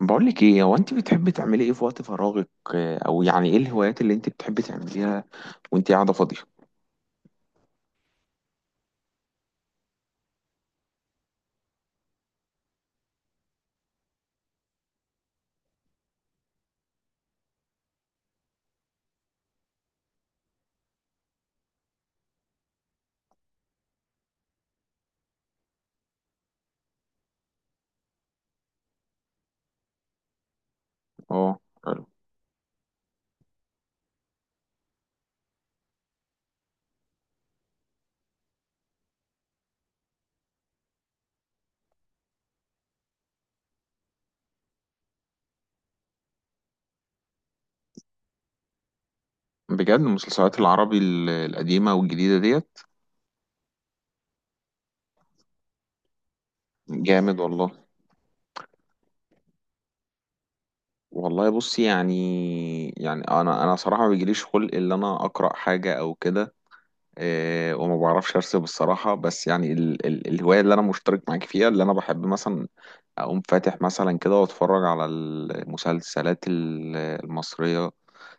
بقولك ايه هو انت بتحبي تعملي ايه في وقت فراغك؟ او يعني ايه الهوايات اللي انت بتحبي تعمليها وانت قاعده فاضيه؟ اه. حلو. بجد؟ المسلسلات العربي القديمه والجديده ديت؟ جامد والله. والله بصي، يعني يعني انا صراحه ما بيجيليش خلق ان انا اقرا حاجه او كده. وما بعرفش ارسم الصراحه، بس يعني ال ال الهوايه اللي انا مشترك معاك فيها اللي انا بحب مثلا اقوم فاتح مثلا كده واتفرج على المسلسلات المصرية،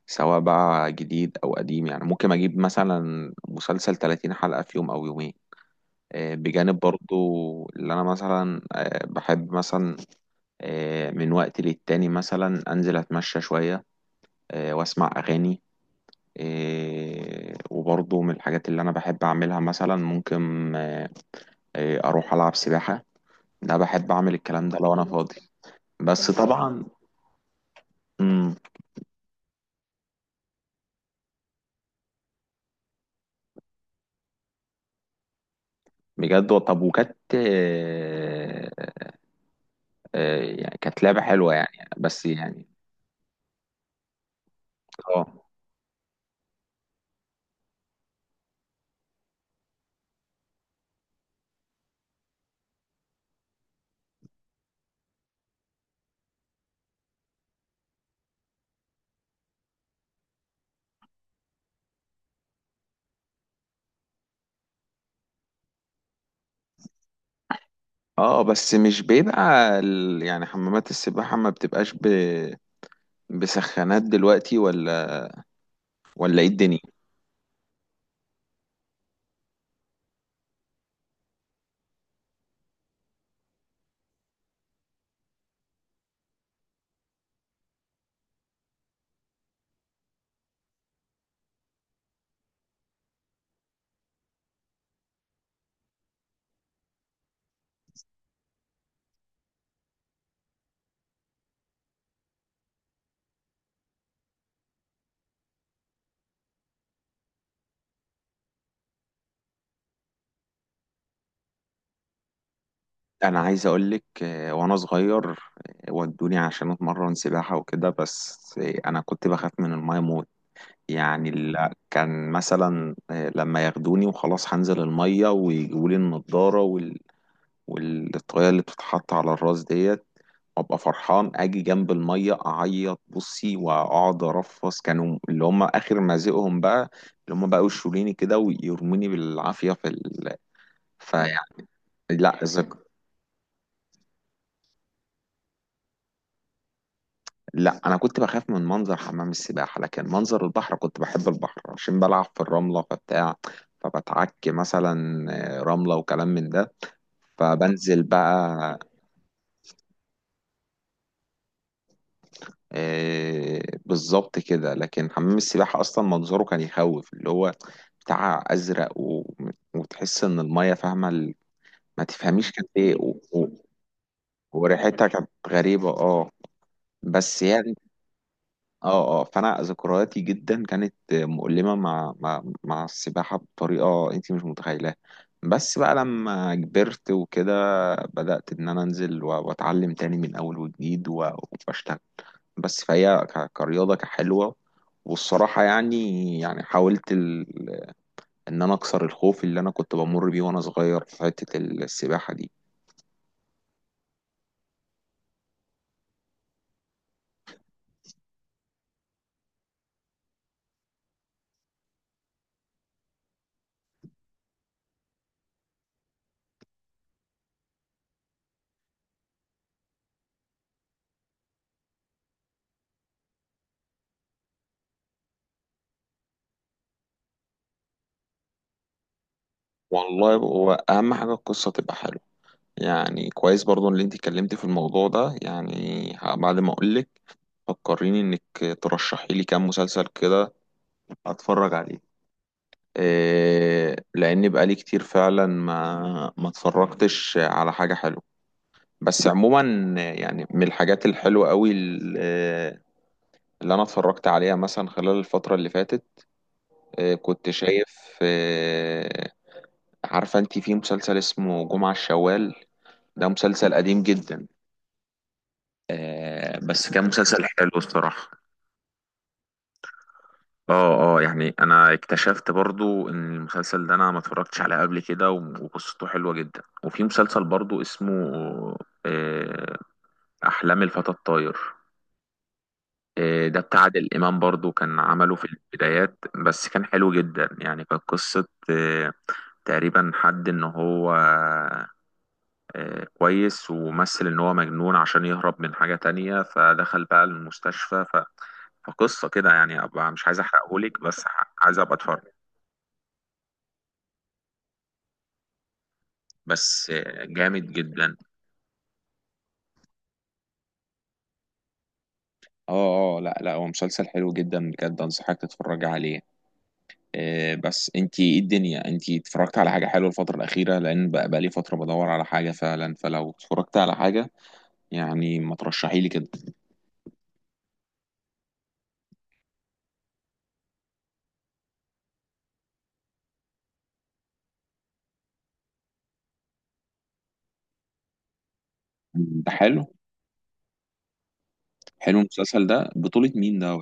سواء بقى جديد او قديم. يعني ممكن اجيب مثلا مسلسل 30 حلقة في يوم او يومين، بجانب برضو اللي انا مثلا بحب مثلا من وقت للتاني مثلا انزل اتمشى شوية، واسمع اغاني، وبرضو من الحاجات اللي انا بحب اعملها مثلا ممكن اروح العب سباحة. ده بحب اعمل الكلام ده لو انا فاضي. بس طبعا. مم. بجد. طب، وكانت يعني كانت لعبة حلوة يعني، بس يعني. اه. اه، بس مش بيبقى يعني حمامات السباحة ما بتبقاش بسخانات دلوقتي، ولا ايه الدنيا؟ انا عايز اقولك وانا صغير ودوني عشان اتمرن سباحة وكده، بس انا كنت بخاف من الماية موت. يعني كان مثلا لما ياخدوني وخلاص هنزل المية ويجيبولي النضارة والطريقة اللي بتتحط على الراس ديت، وابقى فرحان اجي جنب الميه اعيط، بصي، واقعد ارفص. كانوا اللي هم اخر مزقهم بقى، اللي هم بقى يشوليني كده ويرموني بالعافيه في فيعني. لا. لا، انا كنت بخاف من منظر حمام السباحه، لكن منظر البحر كنت بحب البحر عشان بلعب في الرمله فبتاع، فبتعك مثلا رمله وكلام من ده، فبنزل بقى. آه، بالظبط كده. لكن حمام السباحة أصلا منظره كان يخوف، اللي هو بتاع أزرق وتحس إن المية فاهمة ما تفهميش كانت إيه وريحتها كانت غريبة. بس يعني. أه أه فأنا ذكرياتي جدا كانت مؤلمة مع مع السباحة بطريقة أنت مش متخيلاها. بس بقى لما كبرت وكده، بدأت إن أنا أنزل وأتعلم تاني من أول وجديد وأشتغل. بس فهي كرياضة كحلوة، والصراحة يعني، يعني حاولت إن أنا أكسر الخوف اللي أنا كنت بمر بيه وأنا صغير في حتة السباحة دي. والله هو أهم حاجة القصة تبقى حلوة. يعني كويس برضو اللي أنت اتكلمتي في الموضوع ده، يعني بعد ما أقولك فكريني إنك ترشحي لي كام مسلسل كده أتفرج عليه. لأن بقالي كتير فعلا ما اتفرجتش على حاجة حلوة. بس عموما، يعني من الحاجات الحلوة قوي اللي أنا اتفرجت عليها مثلا خلال الفترة اللي فاتت، كنت شايف. عارفة أنت في مسلسل اسمه جمعة الشوال؟ ده مسلسل قديم جدا، بس كان مسلسل حلو الصراحة. اه اه، يعني انا اكتشفت برضو ان المسلسل ده انا ما اتفرجتش عليه قبل كده، وقصته حلوة جدا. وفي مسلسل برضو اسمه آه، احلام الفتى الطاير. إيه، ده بتاع عادل إمام برضو، كان عمله في البدايات، بس كان حلو جدا. يعني كانت قصة، إيه، تقريبا حد إن هو، إيه، كويس، ومثل إن هو مجنون عشان يهرب من حاجة تانية فدخل بقى المستشفى فقصة كده. يعني أبقى مش عايز أحرقهولك، بس عايز أبقى أتفرج. بس إيه، جامد جدا. اه اه، لا لا، هو مسلسل حلو جدا بجد، انصحك تتفرج عليه. بس انت ايه الدنيا؟ انت اتفرجت على حاجة حلوة الفترة الأخيرة؟ لأن بقى لي فترة بدور على حاجة فعلا، فلو اتفرجت على حاجة يعني ما ترشحي لي كده. ده حلو. حلو، المسلسل ده بطولة مين ده؟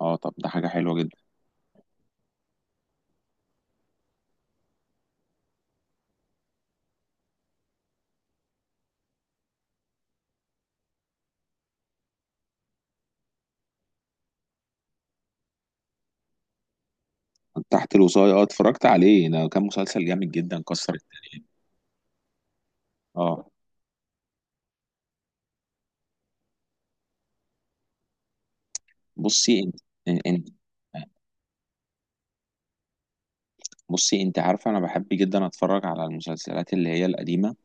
اه، طب ده حاجة حلوة جدا. تحت الوصاية، اه، اتفرجت عليه، ده كان مسلسل جامد جدا، كسر الدنيا. اه، بصي انت انت بصي، انت عارفة انا بحب جدا اتفرج على المسلسلات اللي هي القديمة،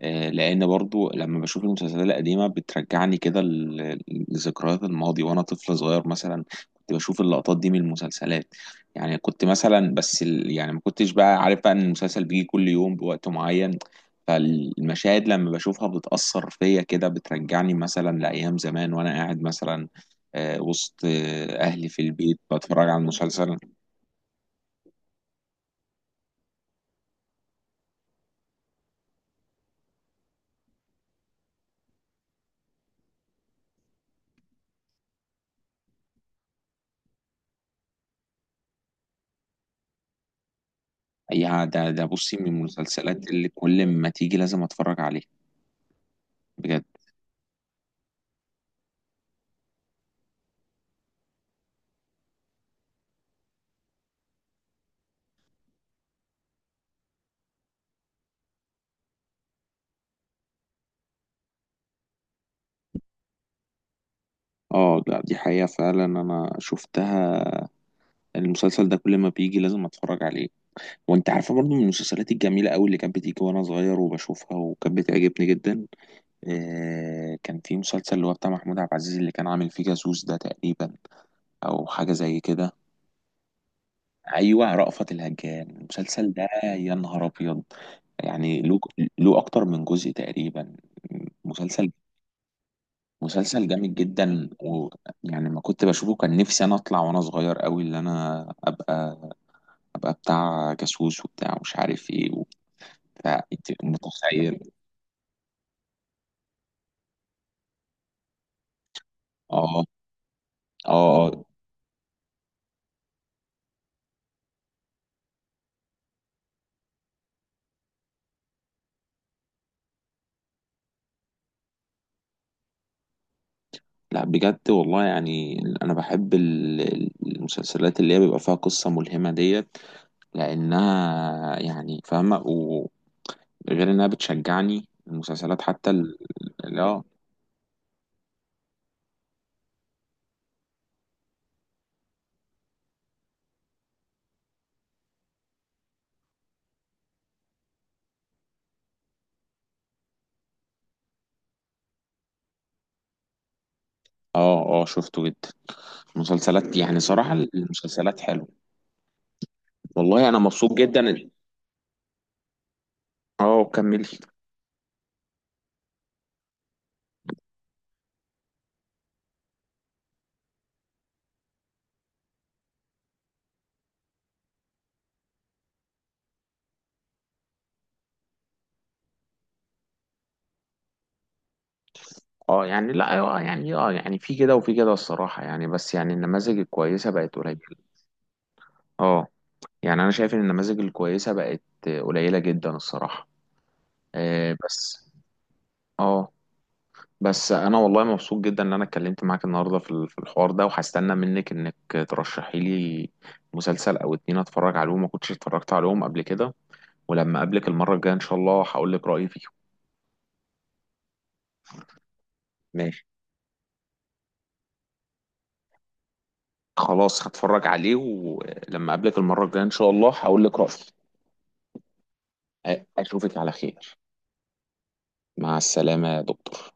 لان برضو لما بشوف المسلسلات القديمه بترجعني كده لذكريات الماضي وانا طفل صغير مثلا. كنت بشوف اللقطات دي من المسلسلات. يعني كنت مثلا، بس يعني ما كنتش بقى عارف بقى ان المسلسل بيجي كل يوم بوقت معين. فالمشاهد لما بشوفها بتأثر فيا كده، بترجعني مثلا لأيام زمان وانا قاعد مثلا وسط اهلي في البيت بتفرج على المسلسل. يا ده، بصي، من المسلسلات اللي كل ما تيجي لازم اتفرج عليها بجد. اه، لا دي حقيقة، فعلا انا شفتها، المسلسل ده كل ما بيجي لازم اتفرج عليه. وانت عارفة برضو من المسلسلات الجميلة قوي اللي كانت بتيجي وانا صغير وبشوفها، وكانت بتعجبني جدا، كان في مسلسل اللي هو بتاع محمود عبد العزيز اللي كان عامل فيه جاسوس، ده تقريبا او حاجة زي كده. ايوه، رأفت الهجان. المسلسل ده يا نهار ابيض. يعني له، له اكتر من جزء تقريبا، مسلسل، مسلسل جامد جدا. ويعني ما كنت بشوفه كان نفسي انا اطلع وانا صغير قوي، اللي انا ابقى، ابقى بتاع جاسوس وبتاع مش عارف ايه، وبتاع انت متخيل. اه اه اه، لا بجد والله، يعني انا بحب المسلسلات اللي هي بيبقى فيها قصة ملهمة ديت، لانها يعني فاهمة، وغير انها بتشجعني المسلسلات. حتى اه. اه اه، شفته جدا. مسلسلات، يعني صراحة المسلسلات حلوة. والله انا مبسوط جدا. اه، كملي. اه يعني، لا، اه يعني، اه يعني في كده وفي كده الصراحه، يعني بس يعني النماذج الكويسه بقت قليله. اه، يعني انا شايف ان النماذج الكويسه بقت قليله جدا الصراحه، بس. اه، بس انا والله مبسوط جدا ان انا اتكلمت معاك النهارده في في الحوار ده، وهستنى منك انك ترشحي لي مسلسل او اتنين اتفرج عليهم، ما كنتش اتفرجت عليهم قبل كده، ولما اقابلك المره الجايه ان شاء الله هقول لك رايي فيهم. ماشي، خلاص هتفرج عليه، ولما اقابلك المرة الجاية ان شاء الله هقول لك رأيي. اشوفك على خير. مع السلامة يا دكتور.